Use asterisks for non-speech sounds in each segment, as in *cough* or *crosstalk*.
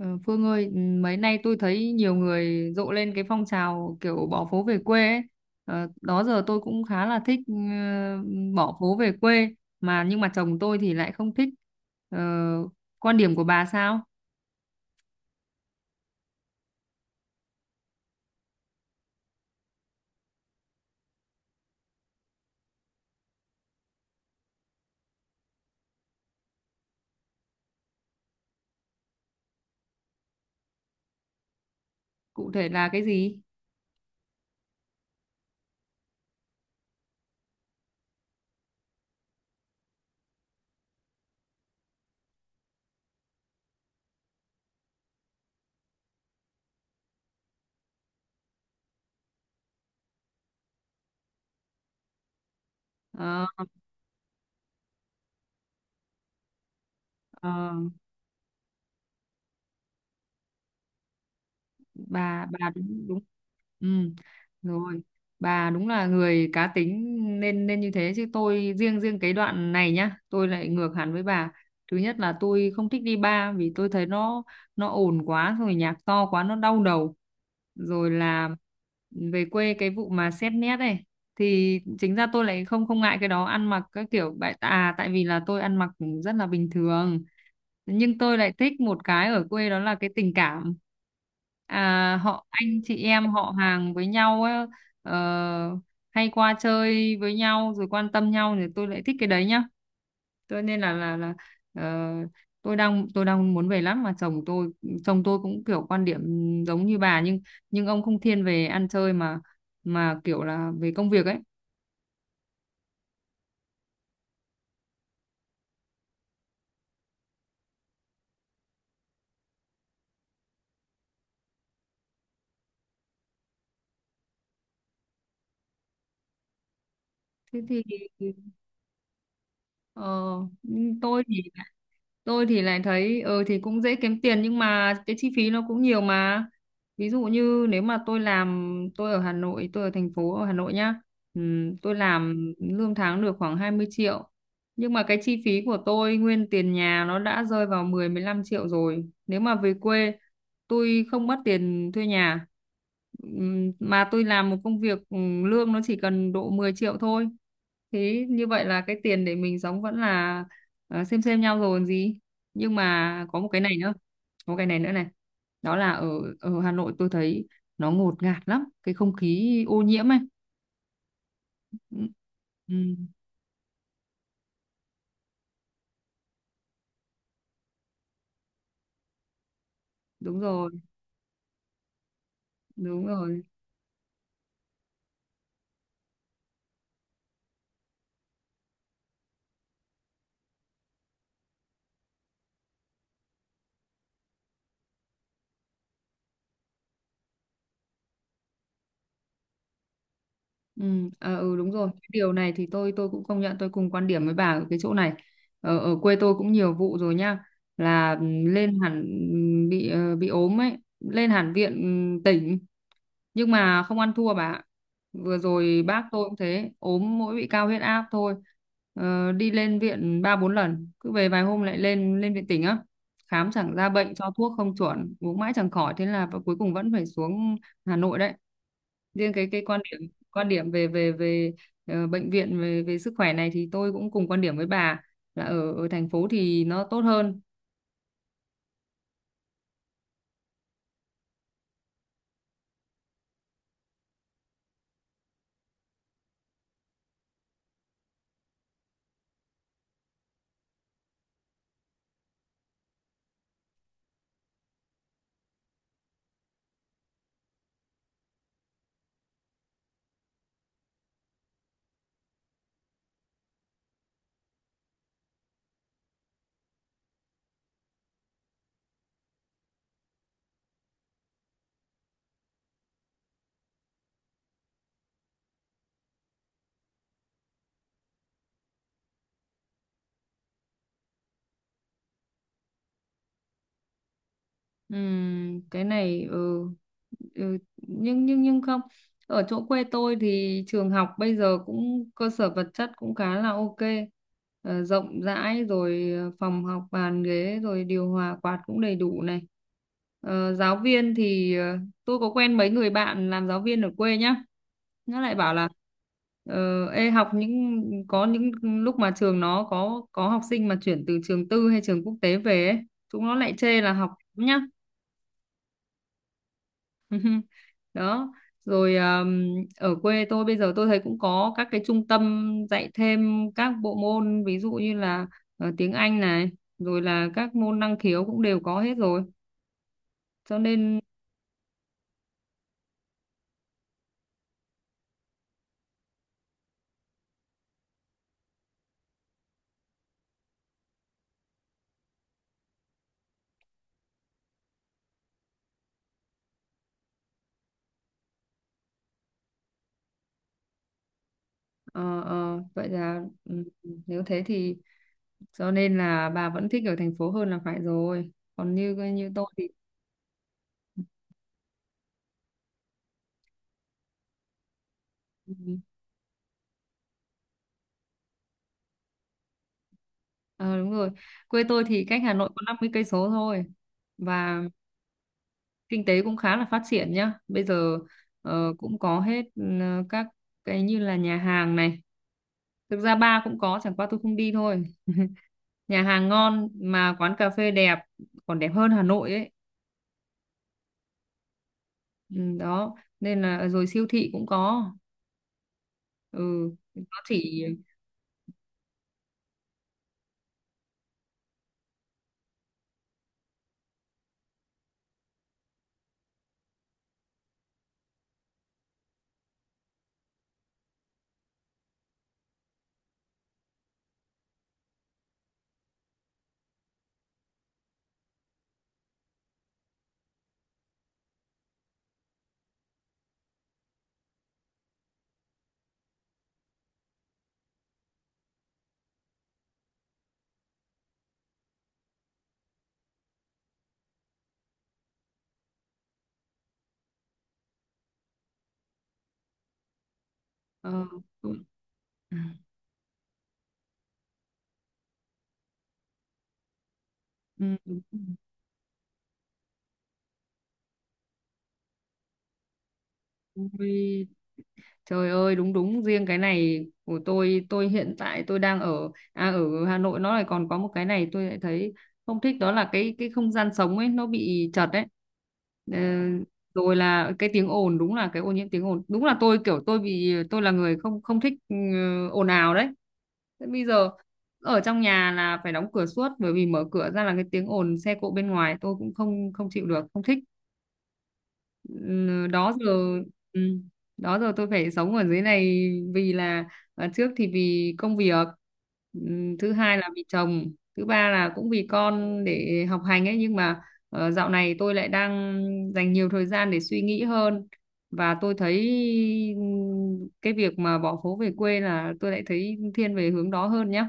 Ờ, Phương ơi, mấy nay tôi thấy nhiều người rộ lên cái phong trào kiểu bỏ phố về quê ấy. Đó giờ tôi cũng khá là thích bỏ phố về quê nhưng mà chồng tôi thì lại không thích. Ờ, Quan điểm của bà sao? Cụ thể là cái gì? Ờ, ờ. Bà đúng đúng, ừ rồi, bà đúng là người cá tính nên nên như thế, chứ tôi riêng riêng cái đoạn này nhá tôi lại ngược hẳn với bà. Thứ nhất là tôi không thích đi bar vì tôi thấy nó ồn quá, rồi nhạc to quá nó đau đầu. Rồi là về quê cái vụ mà xét nét này thì chính ra tôi lại không không ngại cái đó, ăn mặc các kiểu bại à tại vì là tôi ăn mặc rất là bình thường. Nhưng tôi lại thích một cái ở quê đó là cái tình cảm, họ anh chị em họ hàng với nhau ấy, ờ, hay qua chơi với nhau rồi quan tâm nhau thì tôi lại thích cái đấy nhá. Tôi nên là ờ, Tôi đang muốn về lắm mà chồng tôi, cũng kiểu quan điểm giống như bà, nhưng ông không thiên về ăn chơi mà kiểu là về công việc ấy. Thế thì, ờ, tôi thì lại thấy ờ thì cũng dễ kiếm tiền nhưng mà cái chi phí nó cũng nhiều mà. Ví dụ như nếu mà tôi làm, tôi ở Hà Nội, tôi ở thành phố ở Hà Nội nhá. Tôi làm lương tháng được khoảng 20 triệu, nhưng mà cái chi phí của tôi nguyên tiền nhà nó đã rơi vào mười mười 15 triệu rồi. Nếu mà về quê tôi không mất tiền thuê nhà, mà tôi làm một công việc lương nó chỉ cần độ 10 triệu thôi, thế như vậy là cái tiền để mình sống vẫn là xem nhau rồi còn gì. Nhưng mà có một cái này nữa, có một cái này nữa này đó là ở ở Hà Nội tôi thấy nó ngột ngạt lắm, cái không khí ô nhiễm ấy. ừ, ừ, Đúng rồi, đúng rồi. Ừ, Đúng rồi, cái điều này thì tôi cũng công nhận, tôi cùng quan điểm với bà ở cái chỗ này. Ở quê tôi cũng nhiều vụ rồi nha, là ừ, lên hẳn ừ, bị ờ, bị ốm ấy lên hẳn viện, tỉnh, nhưng mà không ăn thua bà ạ. Vừa rồi bác tôi cũng thế, ốm mỗi bị cao huyết áp thôi, đi lên viện ba bốn lần, cứ về vài hôm lại lên lên viện tỉnh á, khám chẳng ra bệnh, cho thuốc không chuẩn, uống mãi chẳng khỏi, thế là cuối cùng vẫn phải xuống Hà Nội đấy. Riêng cái quan điểm, về về về bệnh viện, về về sức khỏe này thì tôi cũng cùng quan điểm với bà là ở ở thành phố thì nó tốt hơn. Cái này nhưng nhưng không, ở chỗ quê tôi thì trường học bây giờ cũng cơ sở vật chất cũng khá là ok. Rộng rãi rồi, phòng học, bàn ghế, rồi điều hòa quạt cũng đầy đủ này. Giáo viên thì tôi có quen mấy người bạn làm giáo viên ở quê nhá, nó lại bảo là ờ, ê, học những có những lúc mà trường nó có học sinh mà chuyển từ trường tư hay trường quốc tế về ấy, chúng nó lại chê là học nhá. Đó, rồi ở quê tôi bây giờ tôi thấy cũng có các cái trung tâm dạy thêm các bộ môn, ví dụ như là tiếng Anh này, rồi là các môn năng khiếu cũng đều có hết rồi, cho nên ờ, vậy là nếu thế thì cho nên là bà vẫn thích ở thành phố hơn là phải rồi. Còn như như tôi thì ừ. Ờ, Đúng rồi, quê tôi thì cách Hà Nội có 50 cây số thôi, và kinh tế cũng khá là phát triển nhá. Bây giờ cũng có hết, các cái như là nhà hàng này. Thực ra bar cũng có, chẳng qua tôi không đi thôi. *laughs* Nhà hàng ngon, mà quán cà phê đẹp, còn đẹp hơn Hà Nội ấy. Ừ, đó, nên là rồi siêu thị cũng có. Ừ, nó chỉ ờ, ừ, ừ, Ui, trời ơi, đúng đúng, riêng cái này của tôi, hiện tại tôi đang ở ở Hà Nội nó lại còn có một cái này tôi lại thấy không thích, đó là cái không gian sống ấy nó bị chật ấy. Ờ, Rồi là cái tiếng ồn, đúng là cái ô nhiễm tiếng ồn, đúng là tôi kiểu tôi bị, tôi là người không không thích ồn ào đấy. Thế bây giờ ở trong nhà là phải đóng cửa suốt, bởi vì mở cửa ra là cái tiếng ồn xe cộ bên ngoài tôi cũng không không chịu được, không thích. Ừ, đó giờ ừ, Đó giờ tôi phải sống ở dưới này vì là trước thì vì công việc, ừ, thứ hai là vì chồng, thứ ba là cũng vì con để học hành ấy, nhưng mà dạo này tôi lại đang dành nhiều thời gian để suy nghĩ hơn, và tôi thấy ừ, cái việc mà bỏ phố về quê là tôi lại thấy thiên về hướng đó hơn nhá.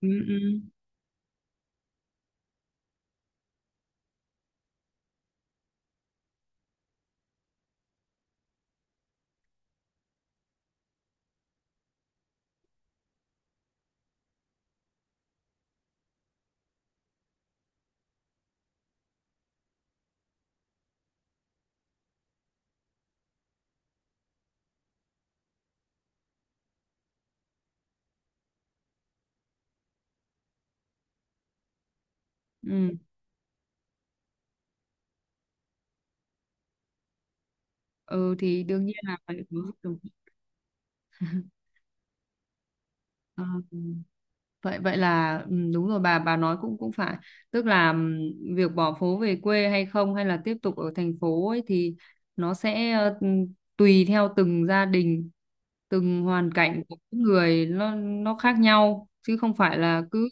ừ, ừ, ừ. Ừ, thì đương nhiên là phải có sự- ờ, Vậy vậy là đúng rồi, bà nói cũng cũng phải, tức là việc bỏ phố về quê hay không, hay là tiếp tục ở thành phố ấy, thì nó sẽ tùy theo từng gia đình, từng hoàn cảnh của mỗi người, nó khác nhau chứ không phải là cứ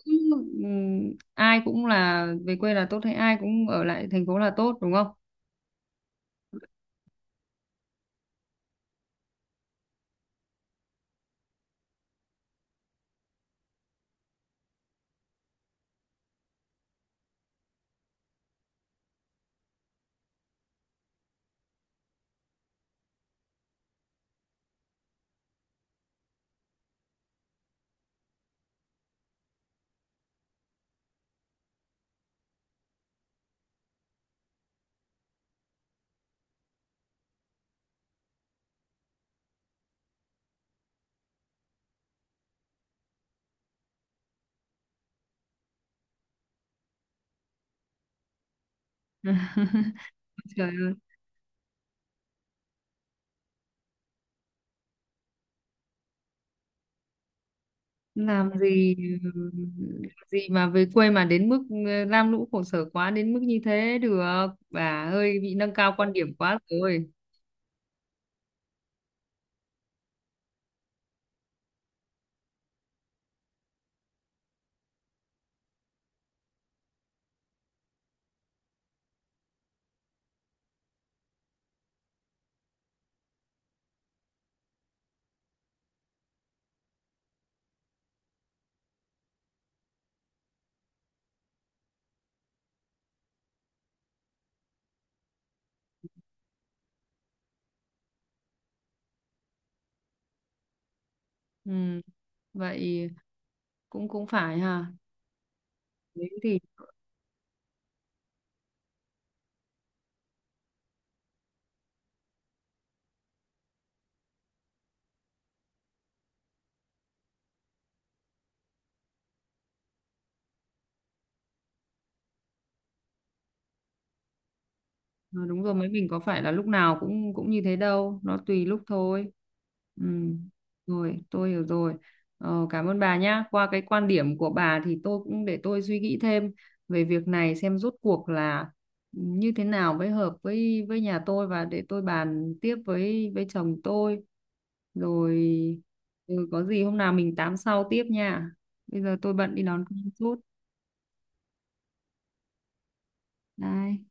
ừm, ai cũng là về quê là tốt, hay ai cũng ở lại thành phố là tốt, đúng không? *laughs* Trời ơi. Làm gì, gì mà về quê mà đến mức lam lũ khổ sở quá đến mức như thế được, bà hơi bị nâng cao quan điểm quá rồi. ừ, Vậy cũng cũng phải ha, thế thì Ờ, đúng rồi, mấy mình có phải là lúc nào cũng cũng như thế đâu, nó tùy lúc thôi. Ừ, rồi tôi hiểu rồi. Cảm ơn bà nhá, qua cái quan điểm của bà thì tôi cũng để tôi suy nghĩ thêm về việc này, xem rốt cuộc là như thế nào mới hợp với nhà tôi, và để tôi bàn tiếp với chồng tôi rồi. Ừ, có gì hôm nào mình tám sau tiếp nha, bây giờ tôi bận đi đón con chút. Bye.